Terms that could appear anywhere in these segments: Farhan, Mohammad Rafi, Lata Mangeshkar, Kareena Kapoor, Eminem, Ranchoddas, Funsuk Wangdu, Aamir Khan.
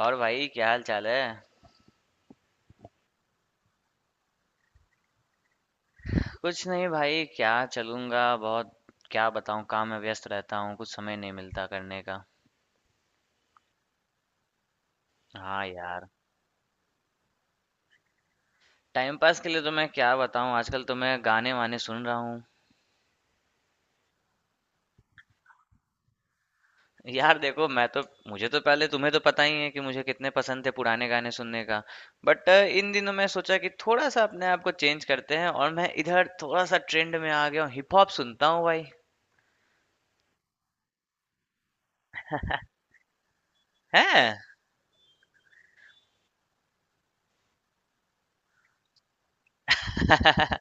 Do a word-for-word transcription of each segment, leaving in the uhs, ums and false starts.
और भाई क्या हाल चाल है। कुछ नहीं भाई, क्या चलूंगा बहुत। क्या बताऊं, काम में व्यस्त रहता हूँ, कुछ समय नहीं मिलता करने का। हाँ यार। टाइम पास के लिए तो मैं क्या बताऊं, आजकल तो मैं गाने वाने सुन रहा हूँ। यार देखो, मैं तो मुझे तो, पहले तुम्हें तो पता ही है कि मुझे कितने पसंद थे पुराने गाने सुनने का। बट इन दिनों मैं सोचा कि थोड़ा सा अपने आप को चेंज करते हैं, और मैं इधर थोड़ा सा ट्रेंड में आ गया हूँ, हिप हॉप सुनता हूँ भाई। है।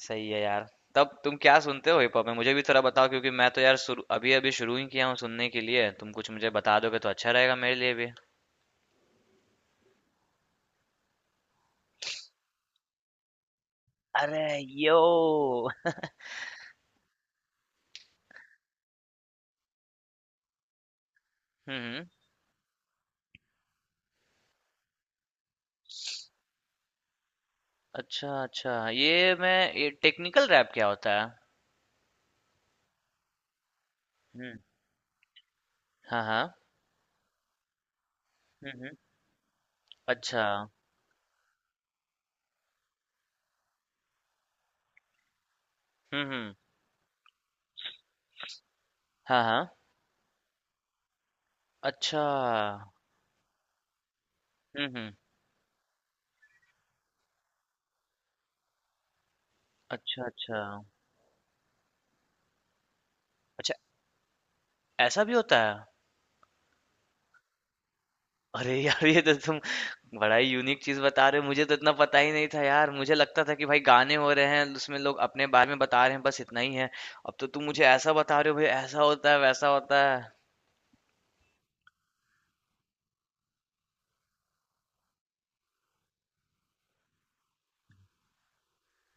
सही है यार। तब तुम क्या सुनते हो हिप हॉप में, मुझे भी थोड़ा बताओ, क्योंकि मैं तो यार शुरू अभी अभी शुरू ही किया हूँ सुनने के लिए। तुम कुछ मुझे बता दोगे तो अच्छा रहेगा मेरे लिए भी। अरे, यो। हम्म। अच्छा अच्छा, ये मैं, ये टेक्निकल रैप क्या होता है। हम्म। हाँ हाँ। हम्म हम्म, अच्छा। हम्म हम्म। हाँ हाँ। अच्छा। हम्म हम्म। अच्छा अच्छा। अच्छा, ऐसा भी होता है। अरे यार, ये तो तुम बड़ा ही यूनिक चीज बता रहे हो, मुझे तो इतना पता ही नहीं था यार। मुझे लगता था कि भाई गाने हो रहे हैं, उसमें लोग अपने बारे में बता रहे हैं, बस इतना ही है। अब तो तुम मुझे ऐसा बता रहे हो भाई, ऐसा होता है, वैसा होता है।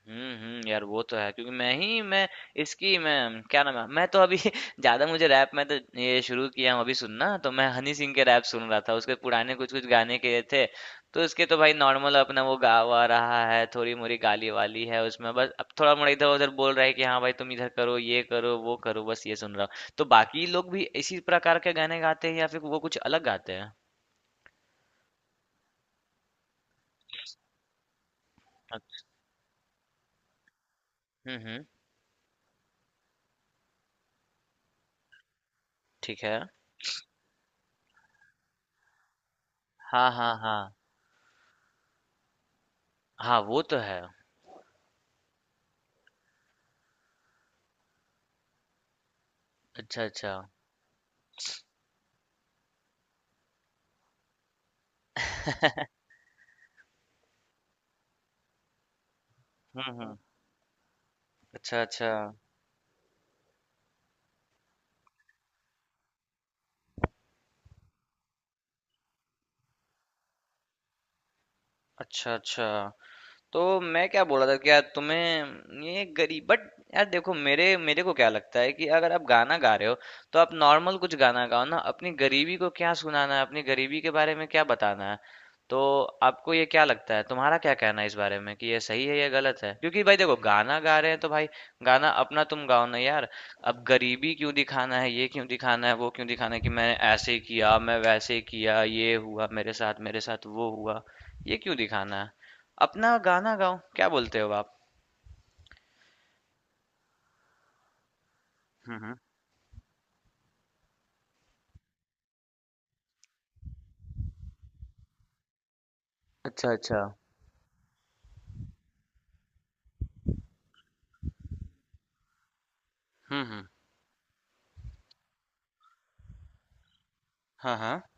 हुँ, हुँ। यार वो तो है, क्योंकि मैं ही मैं इसकी मैं, क्या नाम है, मैं तो अभी ज़्यादा मुझे रैप में तो ये शुरू किया हूँ अभी सुनना। तो मैं हनी सिंह के रैप सुन रहा था, उसके पुराने कुछ कुछ गाने के थे। तो उसके तो भाई नॉर्मल अपना वो गा वा रहा है, थोड़ी मोरी गाली वाली है उसमें, बस अब थोड़ा मोड़ा इधर उधर बोल रहा है कि हाँ भाई तुम इधर करो, ये करो, वो करो, बस ये सुन रहा हूँ। तो बाकी लोग भी इसी प्रकार के गाने गाते हैं या फिर वो कुछ अलग गाते हैं। अच्छा। हम्म हम्म। ठीक है। हाँ हाँ हाँ हाँ, वो तो है। अच्छा अच्छा। हम्म हम्म। अच्छा, अच्छा। अच्छा, अच्छा। तो मैं क्या बोल रहा था कि यार तुम्हें ये गरीब, बट यार देखो, मेरे मेरे को क्या लगता है कि अगर आप गाना गा रहे हो तो आप नॉर्मल कुछ गाना गाओ ना, अपनी गरीबी को क्या सुनाना है, अपनी गरीबी के बारे में क्या बताना है। तो आपको ये क्या लगता है, तुम्हारा क्या कहना है इस बारे में, कि ये सही है या गलत है? क्योंकि भाई देखो, गाना गा रहे हैं तो भाई गाना अपना तुम गाओ ना यार। अब गरीबी क्यों दिखाना है, ये क्यों दिखाना है, वो क्यों दिखाना है कि मैंने ऐसे किया, मैं वैसे किया, ये हुआ मेरे साथ, मेरे साथ वो हुआ। ये क्यों दिखाना है? अपना गाना गाओ, क्या बोलते हो आप? हुँ, हुँ। अच्छा, अच्छा। हुँ, हुँ। हाँ, हाँ।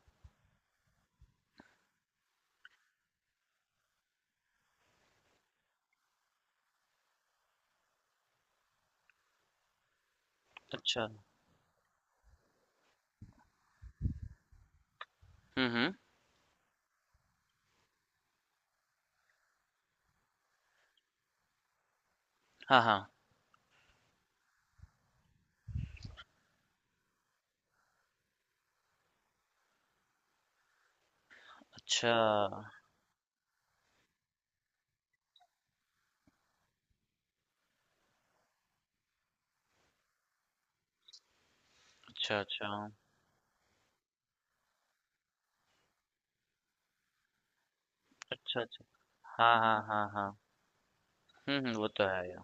अच्छा। हुँ, हुँ। हाँ, हाँ। अच्छा। अच्छा, अच्छा। अच्छा, अच्छा। हाँ, हाँ, हाँ, हाँ। हुँ, हुँ, वो तो है यार।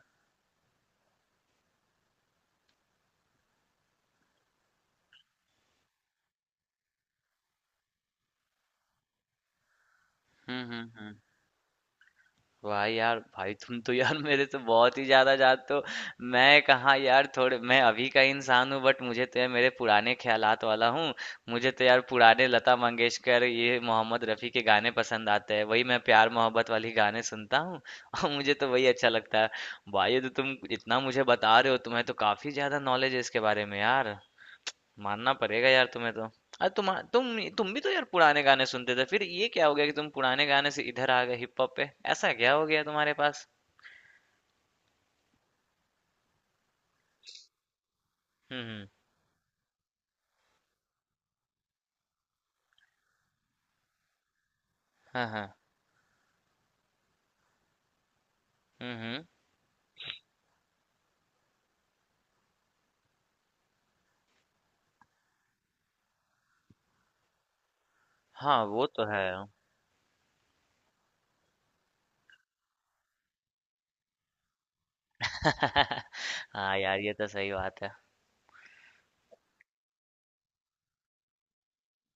हुँ, हुँ, हुँ। वाह यार भाई, तुम तो यार मेरे से बहुत ही ज्यादा जानते हो। मैं कहाँ यार, थोड़े मैं अभी का इंसान हूँ बट मुझे तो यार मेरे पुराने ख्यालात वाला हूँ। मुझे तो यार पुराने लता मंगेशकर, ये मोहम्मद रफ़ी के गाने पसंद आते हैं, वही मैं प्यार मोहब्बत वाली गाने सुनता हूँ। और मुझे तो वही अच्छा लगता है। भाई ये तो तुम इतना मुझे बता रहे हो, तुम्हें तो काफी ज्यादा नॉलेज है इसके बारे में यार। मानना पड़ेगा यार तुम्हें तो। अरे तुम तुम तुम भी तो यार पुराने गाने सुनते थे, फिर ये क्या हो गया कि तुम पुराने गाने से इधर आ गए हिप हॉप पे? ऐसा क्या हो गया तुम्हारे पास? हम्म हम्म। हाँ हाँ। हम्म हम्म। हाँ, वो तो है। हाँ यार, ये तो सही बात है।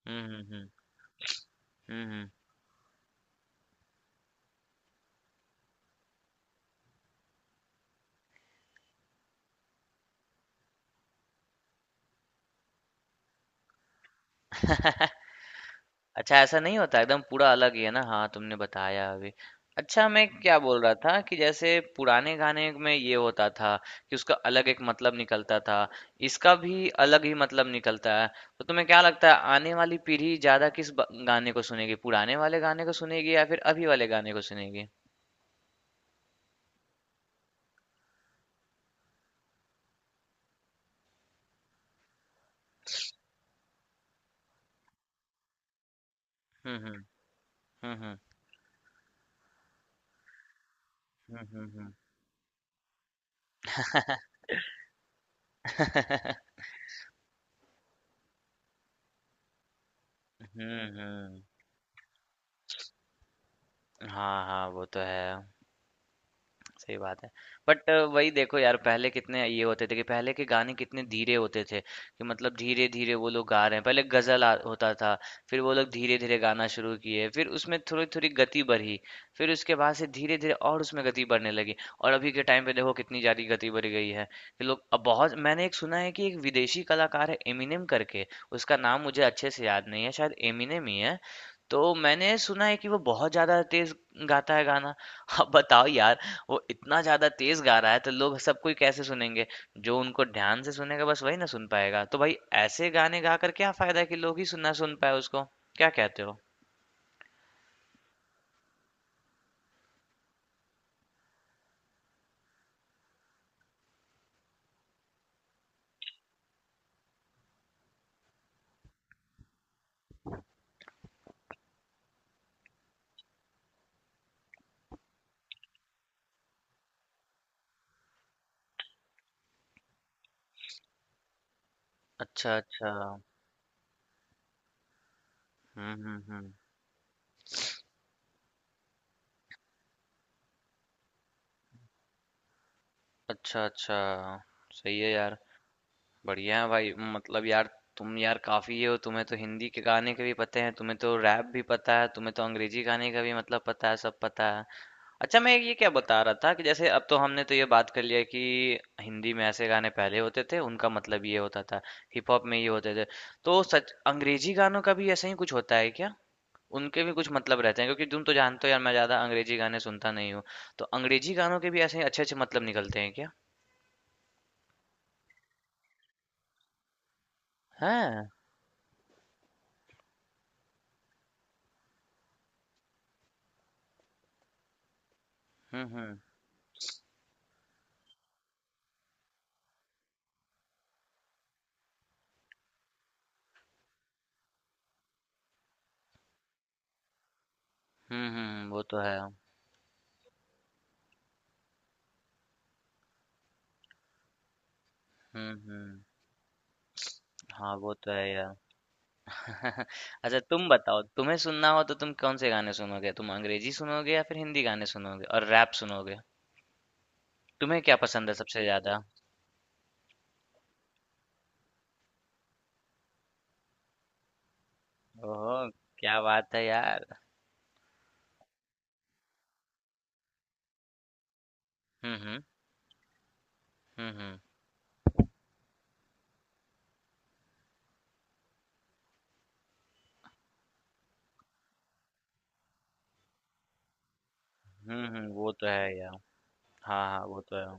हम्म हम्म हम्म। हम्म हम्म। अच्छा, ऐसा नहीं होता, एकदम पूरा अलग ही है ना। हाँ, तुमने बताया अभी। अच्छा मैं क्या बोल रहा था, कि जैसे पुराने गाने में ये होता था कि उसका अलग एक मतलब निकलता था, इसका भी अलग ही मतलब निकलता है। तो तुम्हें क्या लगता है, आने वाली पीढ़ी ज्यादा किस ब- गाने को सुनेगी, पुराने वाले गाने को सुनेगी या फिर अभी वाले गाने को सुनेगी? हम्म हम्म। हम्म। हम्म हम्म हम्म। हम्म हम्म हम्म, हाँ हाँ वो तो है। सही बात है। बट वही देखो यार, पहले कितने ये होते थे कि पहले के गाने कितने धीरे होते थे, कि मतलब धीरे धीरे वो लोग गा रहे हैं, पहले गजल आ, होता था। फिर वो लोग धीरे धीरे गाना शुरू किए, फिर उसमें थोड़ी थोड़ी गति बढ़ी। फिर उसके बाद से धीरे धीरे और उसमें गति बढ़ने लगी, और अभी के टाइम पे देखो कितनी ज्यादा गति बढ़ गई है, कि लोग अब बहुत, मैंने एक सुना है कि एक विदेशी कलाकार है एमिनेम करके। उसका नाम मुझे अच्छे से याद नहीं है, शायद एमिनेम ही है। तो मैंने सुना है कि वो बहुत ज्यादा तेज गाता है गाना। अब बताओ यार, वो इतना ज़्यादा तेज़ गा रहा है तो लोग सब कोई कैसे सुनेंगे? जो उनको ध्यान से सुनेगा बस वही ना सुन पाएगा। तो भाई ऐसे गाने गा कर क्या फ़ायदा है कि लोग ही सुन ना सुन पाएँ उसको? क्या कहते हो? अच्छा, अच्छा। हुँ, हुँ, हुँ। अच्छा, अच्छा। सही है यार। बढ़िया है भाई, मतलब यार तुम यार काफ़ी ये हो, तुम्हें तो हिंदी के गाने के भी पते हैं, तुम्हें तो रैप भी पता है, तुम्हें तो अंग्रेज़ी गाने का भी मतलब पता है, सब पता है। अच्छा मैं ये क्या बता रहा था, कि जैसे अब तो हमने तो ये बात कर लिया कि हिंदी में ऐसे गाने पहले होते थे, उनका मतलब ये होता था, हिप हॉप में ये होते थे। तो सच अंग्रेजी गानों का भी ऐसा ही कुछ होता है क्या, उनके भी कुछ मतलब रहते हैं? क्योंकि तुम तो जानते हो यार, मैं ज्यादा अंग्रेजी गाने सुनता नहीं हूँ। तो अंग्रेजी गानों के भी ऐसे ही अच्छे अच्छे मतलब निकलते हैं क्या? हैं। हम्म हम्म। हम्म हम्म, वो तो है। हम्म हम्म। हाँ, वो तो है यार। अच्छा तुम बताओ, तुम्हें सुनना हो तो तुम कौन से गाने सुनोगे, तुम अंग्रेजी सुनोगे या फिर हिंदी गाने सुनोगे और रैप सुनोगे? तुम्हें क्या पसंद है सबसे ज़्यादा? ओह! क्या बात है यार। हुँ, हुँ। हुँ, हुँ। हुँ, हुँ, वो तो है यार। हाँ, हाँ, वो तो है।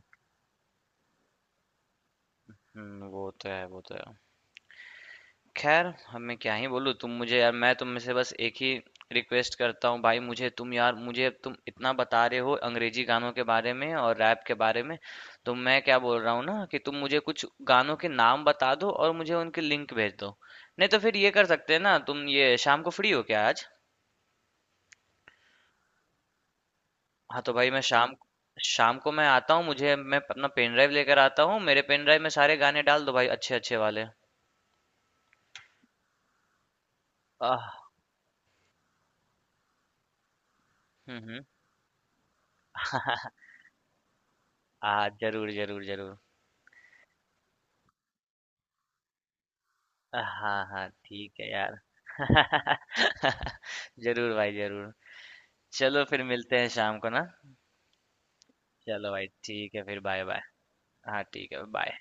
हुँ, वो तो है, वो तो है। ख़ैर, अब मैं क्या ही बोलूँ, तुम मुझे यार, मैं तुम में से बस एक ही रिक्वेस्ट करता हूँ भाई, मुझे तुम यार, मुझे अब तुम इतना बता रहे हो अंग्रेज़ी गानों के बारे में और रैप के बारे में, तो मैं क्या बोल रहा हूँ ना, कि तुम मुझे कुछ गानों के नाम बता दो और मुझे उनकी लिंक भेज दो। नहीं तो फिर ये कर सकते हैं ना, तुम ये शाम को फ्री हो क्या आज? हाँ तो भाई मैं शाम शाम को मैं आता हूँ, मुझे मैं अपना पेन ड्राइव लेकर आता हूँ, मेरे पेन ड्राइव में सारे गाने डाल दो भाई अच्छे अच्छे वाले। आह। हम्म हम्म। आ, जरूर जरूर जरूर। हाँ हाँ, ठीक है यार। जरूर भाई जरूर। चलो फिर मिलते हैं शाम को ना। चलो भाई, ठीक है, फिर बाय बाय। हाँ ठीक है, बाय।